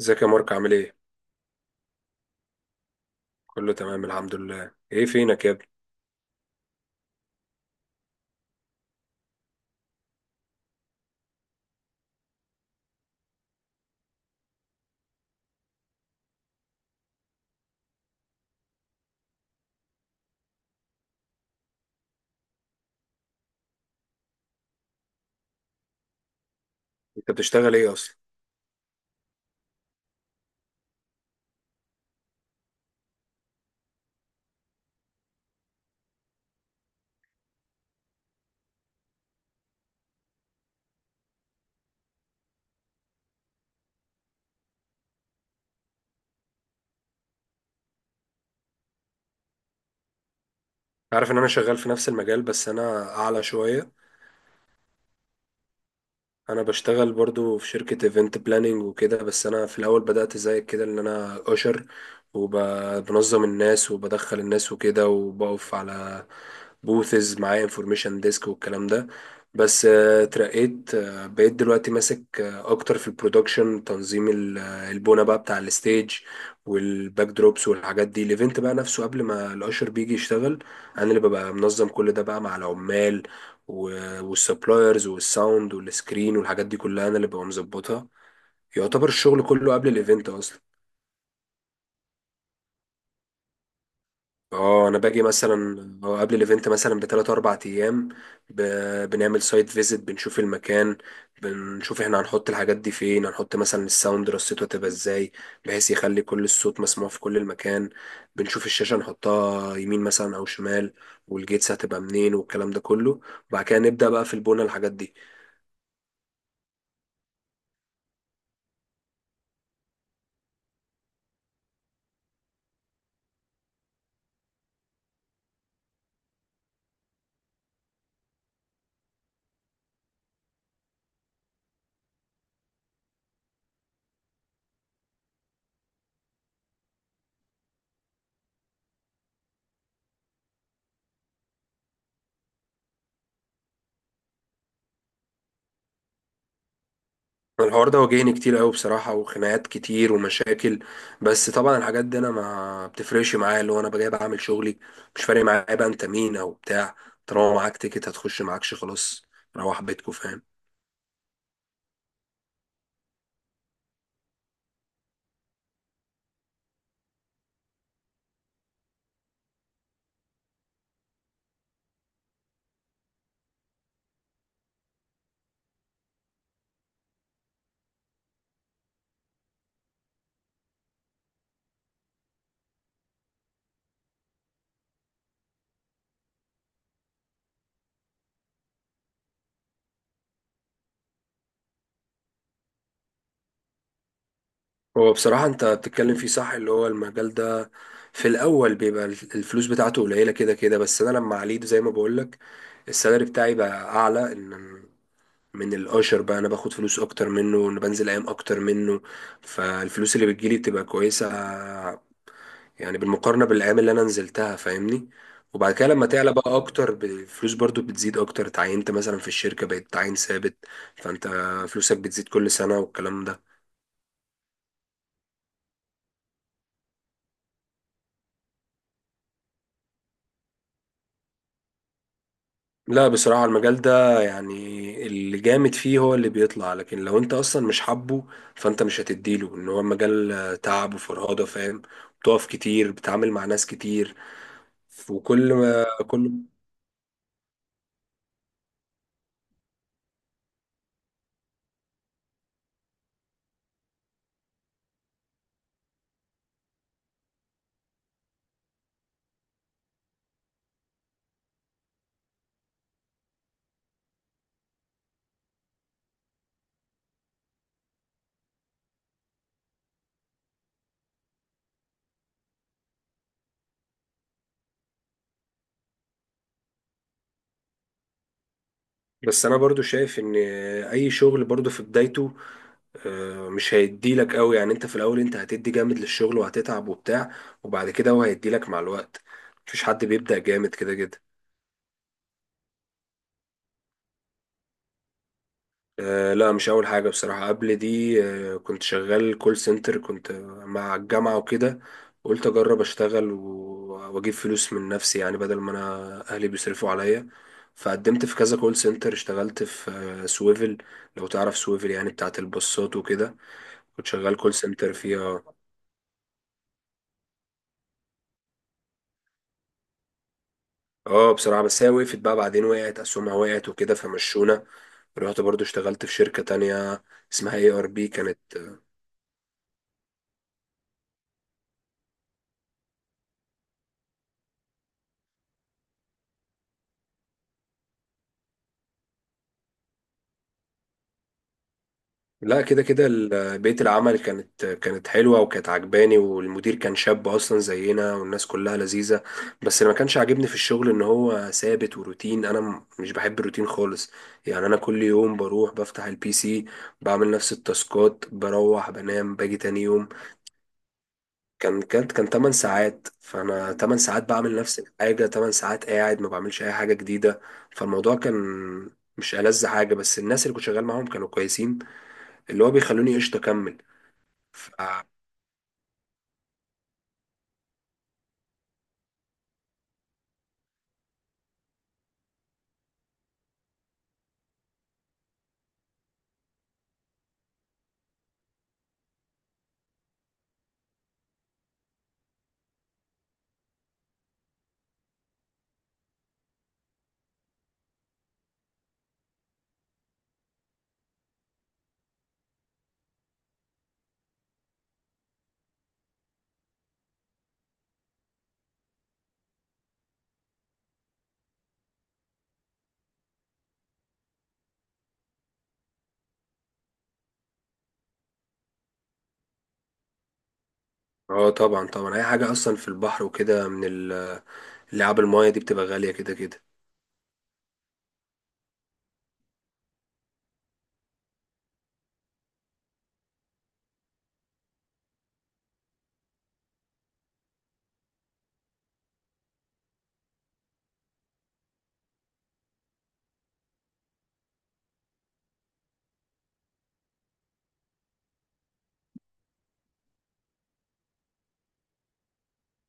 ازيك يا مارك عامل ايه؟ كله تمام الحمد لله، ايه فينك يا ابني؟ انت بتشتغل ايه اصلا؟ عارف ان انا شغال في نفس المجال، بس انا اعلى شوية. انا بشتغل برضو في شركة ايفنت بلاننج وكده، بس انا في الاول بدأت زي كده ان انا اشر، وبنظم الناس وبدخل الناس وكده، وبقف على بوثز معايا انفورميشن ديسك والكلام ده. بس اترقيت، بقيت دلوقتي ماسك اكتر في البرودكشن تنظيم البونة بقى بتاع الستيج والباك دروبس والحاجات دي. الايفنت بقى نفسه قبل ما الاشر بيجي يشتغل، انا اللي ببقى منظم كل ده بقى مع العمال والسبلايرز والساوند والسكرين والحاجات دي كلها، انا اللي ببقى مظبطها. يعتبر الشغل كله قبل الايفنت اصلا. اه انا باجي مثلا قبل الايفنت مثلا بثلاث اربع ايام، بنعمل سايت فيزيت، بنشوف المكان، بنشوف احنا هنحط الحاجات دي فين، هنحط مثلا الساوند رصيته هتبقى ازاي بحيث يخلي كل الصوت مسموع في كل المكان، بنشوف الشاشة نحطها يمين مثلا او شمال، والجيتس هتبقى منين والكلام ده كله. وبعد كده نبدأ بقى في البنى الحاجات دي. الحوار ده واجهني كتير قوي بصراحة، وخناقات كتير ومشاكل. بس طبعا الحاجات دي انا ما بتفرقش معايا، اللي هو انا جاي بعمل شغلي، مش فارق معايا بقى انت مين او بتاع، طالما معاك تيكت هتخش، معاكش خلاص روح بيتكو فاهم. هو بصراحة انت بتتكلم فيه صح، اللي هو المجال ده في الاول بيبقى الفلوس بتاعته قليلة كده كده. بس انا لما عليت زي ما بقولك، السالري بتاعي بقى اعلى ان من الاشر، بقى انا باخد فلوس اكتر منه وانا بنزل ايام اكتر منه. فالفلوس اللي بتجيلي بتبقى كويسة، يعني بالمقارنة بالأيام اللي أنا نزلتها فاهمني. وبعد كده لما تعلى بقى أكتر، الفلوس برضو بتزيد أكتر، اتعينت مثلا في الشركة، بقيت تعين ثابت، فأنت فلوسك بتزيد كل سنة والكلام ده. لا بصراحة المجال ده يعني اللي جامد فيه هو اللي بيطلع، لكن لو أنت أصلا مش حابه فأنت مش هتديله، إن هو مجال تعب وفرهدة فاهم، بتقف كتير، بتتعامل مع ناس كتير، وكل ما كل. بس أنا برضو شايف إن أي شغل برضو في بدايته مش هيدي لك قوي، يعني انت في الاول انت هتدي جامد للشغل وهتتعب وبتاع، وبعد كده هو هيدي لك مع الوقت، مفيش حد بيبدأ جامد كده كده. آه لا مش اول حاجة بصراحة، قبل دي كنت شغال كول سنتر، كنت مع الجامعة وكده، قلت اجرب اشتغل واجيب فلوس من نفسي يعني، بدل ما انا اهلي بيصرفوا عليا. فقدمت في كذا كول سنتر، اشتغلت في سويفل، لو تعرف سويفل يعني بتاعت البصات وكده، كنت شغال كول سنتر فيها. اه بصراحة بس هي وقفت بقى بعدين، وقعت أسهمها، وقعت وكده فمشونا. رحت برضو اشتغلت في شركة تانية، اسمها اي ار بي كانت. لا كده كده بيئة العمل كانت حلوة وكانت عجباني، والمدير كان شاب أصلا زينا، والناس كلها لذيذة. بس اللي ما كانش عاجبني في الشغل إن هو ثابت وروتين، أنا مش بحب الروتين خالص، يعني أنا كل يوم بروح بفتح البي سي، بعمل نفس التاسكات، بروح بنام، باجي تاني يوم. كان 8 ساعات، فانا 8 ساعات بعمل نفس الحاجه، 8 ساعات قاعد ما بعملش اي حاجه جديده. فالموضوع كان مش ألذ حاجه، بس الناس اللي كنت شغال معاهم كانوا كويسين، اللي هو بيخلوني قشطه اكمل. ف... اه طبعا طبعا، اي حاجه اصلا في البحر وكده من اللعاب المايه دي بتبقى غاليه كده كده.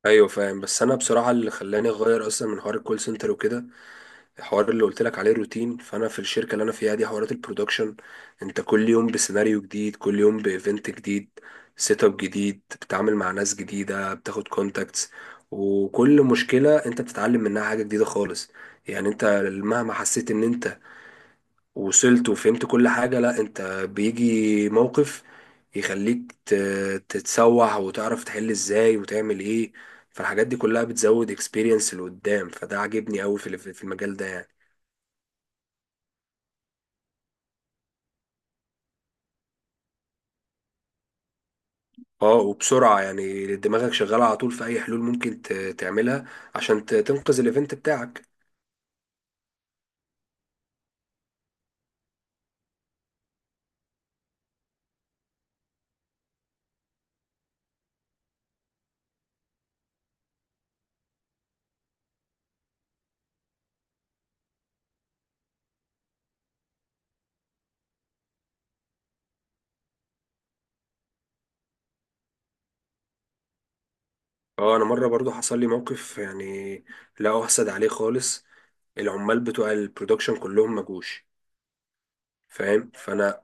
ايوه فاهم، بس انا بصراحه اللي خلاني اغير اصلا من حوار الكول سنتر وكده، الحوار اللي قلت لك عليه الروتين. فانا في الشركه اللي انا فيها دي، حوارات البرودكشن انت كل يوم بسيناريو جديد، كل يوم بايفنت جديد، سيت اب جديد، بتتعامل مع ناس جديده، بتاخد كونتاكتس، وكل مشكله انت بتتعلم منها حاجه جديده خالص. يعني انت مهما حسيت ان انت وصلت وفهمت كل حاجه، لا انت بيجي موقف يخليك تتسوح، وتعرف تحل ازاي وتعمل ايه. فالحاجات دي كلها بتزود اكسبيرينس لقدام، فده عاجبني قوي في المجال ده يعني. اه وبسرعة، يعني دماغك شغالة على طول في أي حلول ممكن تعملها عشان تنقذ الإيفنت بتاعك. اه أنا مرة برضو حصل لي موقف يعني لا أحسد عليه خالص، العمال بتوع البرودكشن كلهم مجوش فاهم. فأنا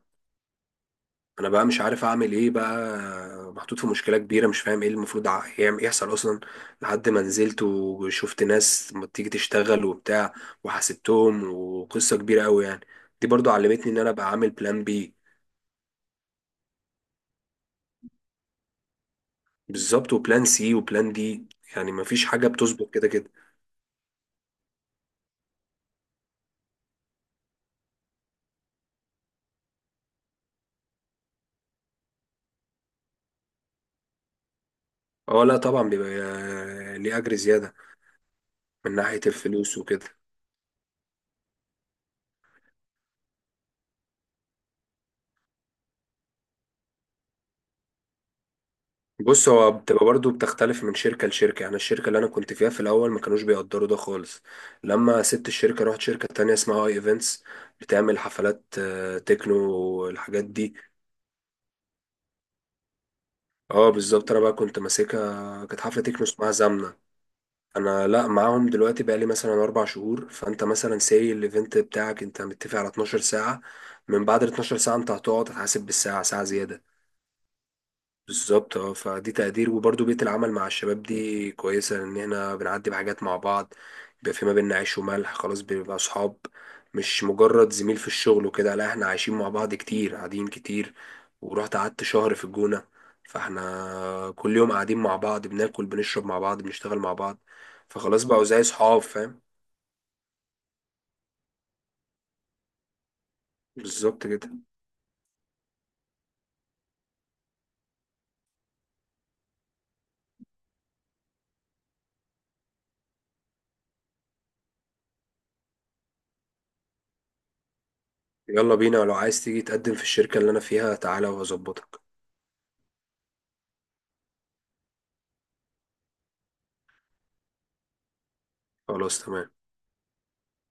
أنا بقى مش عارف أعمل إيه بقى، محطوط في مشكلة كبيرة، مش فاهم إيه المفروض يحصل أصلا، لحد ما نزلت وشفت ناس ما تيجي تشتغل وبتاع، وحاسبتهم وقصة كبيرة أوي يعني. دي برضو علمتني إن أنا أبقى عامل بلان بي، بالظبط، وبلان سي وبلان دي، يعني مفيش حاجة بتظبط كده كده. اه لا طبعا بيبقى ليه أجر زيادة، من ناحية الفلوس وكده. بص هو بتبقى برضو بتختلف من شركة لشركة، يعني الشركة اللي أنا كنت فيها في الأول ما كانوش بيقدروا ده خالص. لما سبت الشركة رحت شركة تانية اسمها اي ايفنتس، بتعمل حفلات تكنو والحاجات دي. اه بالظبط، أنا بقى كنت ماسكها، كانت حفلة تكنو اسمها زمنة. انا لا، معاهم دلوقتي بقالي مثلا 4 شهور. فانت مثلا ساي الايفنت بتاعك انت متفق على 12 ساعة، من بعد ال 12 ساعة انت هتقعد هتحاسب بالساعة، ساعة زيادة. بالظبط اه، فدي تقدير، وبرضه بيئة العمل مع الشباب دي كويسة، لأن احنا بنعدي بحاجات مع بعض، بيبقى في ما بيننا عيش وملح، خلاص بنبقى أصحاب، مش مجرد زميل في الشغل وكده، لا احنا عايشين مع بعض كتير، قاعدين كتير. ورحت قعدت شهر في الجونة، فاحنا كل يوم قاعدين مع بعض، بناكل بنشرب مع بعض، بنشتغل مع بعض، فخلاص بقوا زي صحاب فاهم. بالظبط كده. يلا بينا، لو عايز تيجي تقدم في الشركة اللي أنا فيها تعالى وهظبطك. خلاص تمام.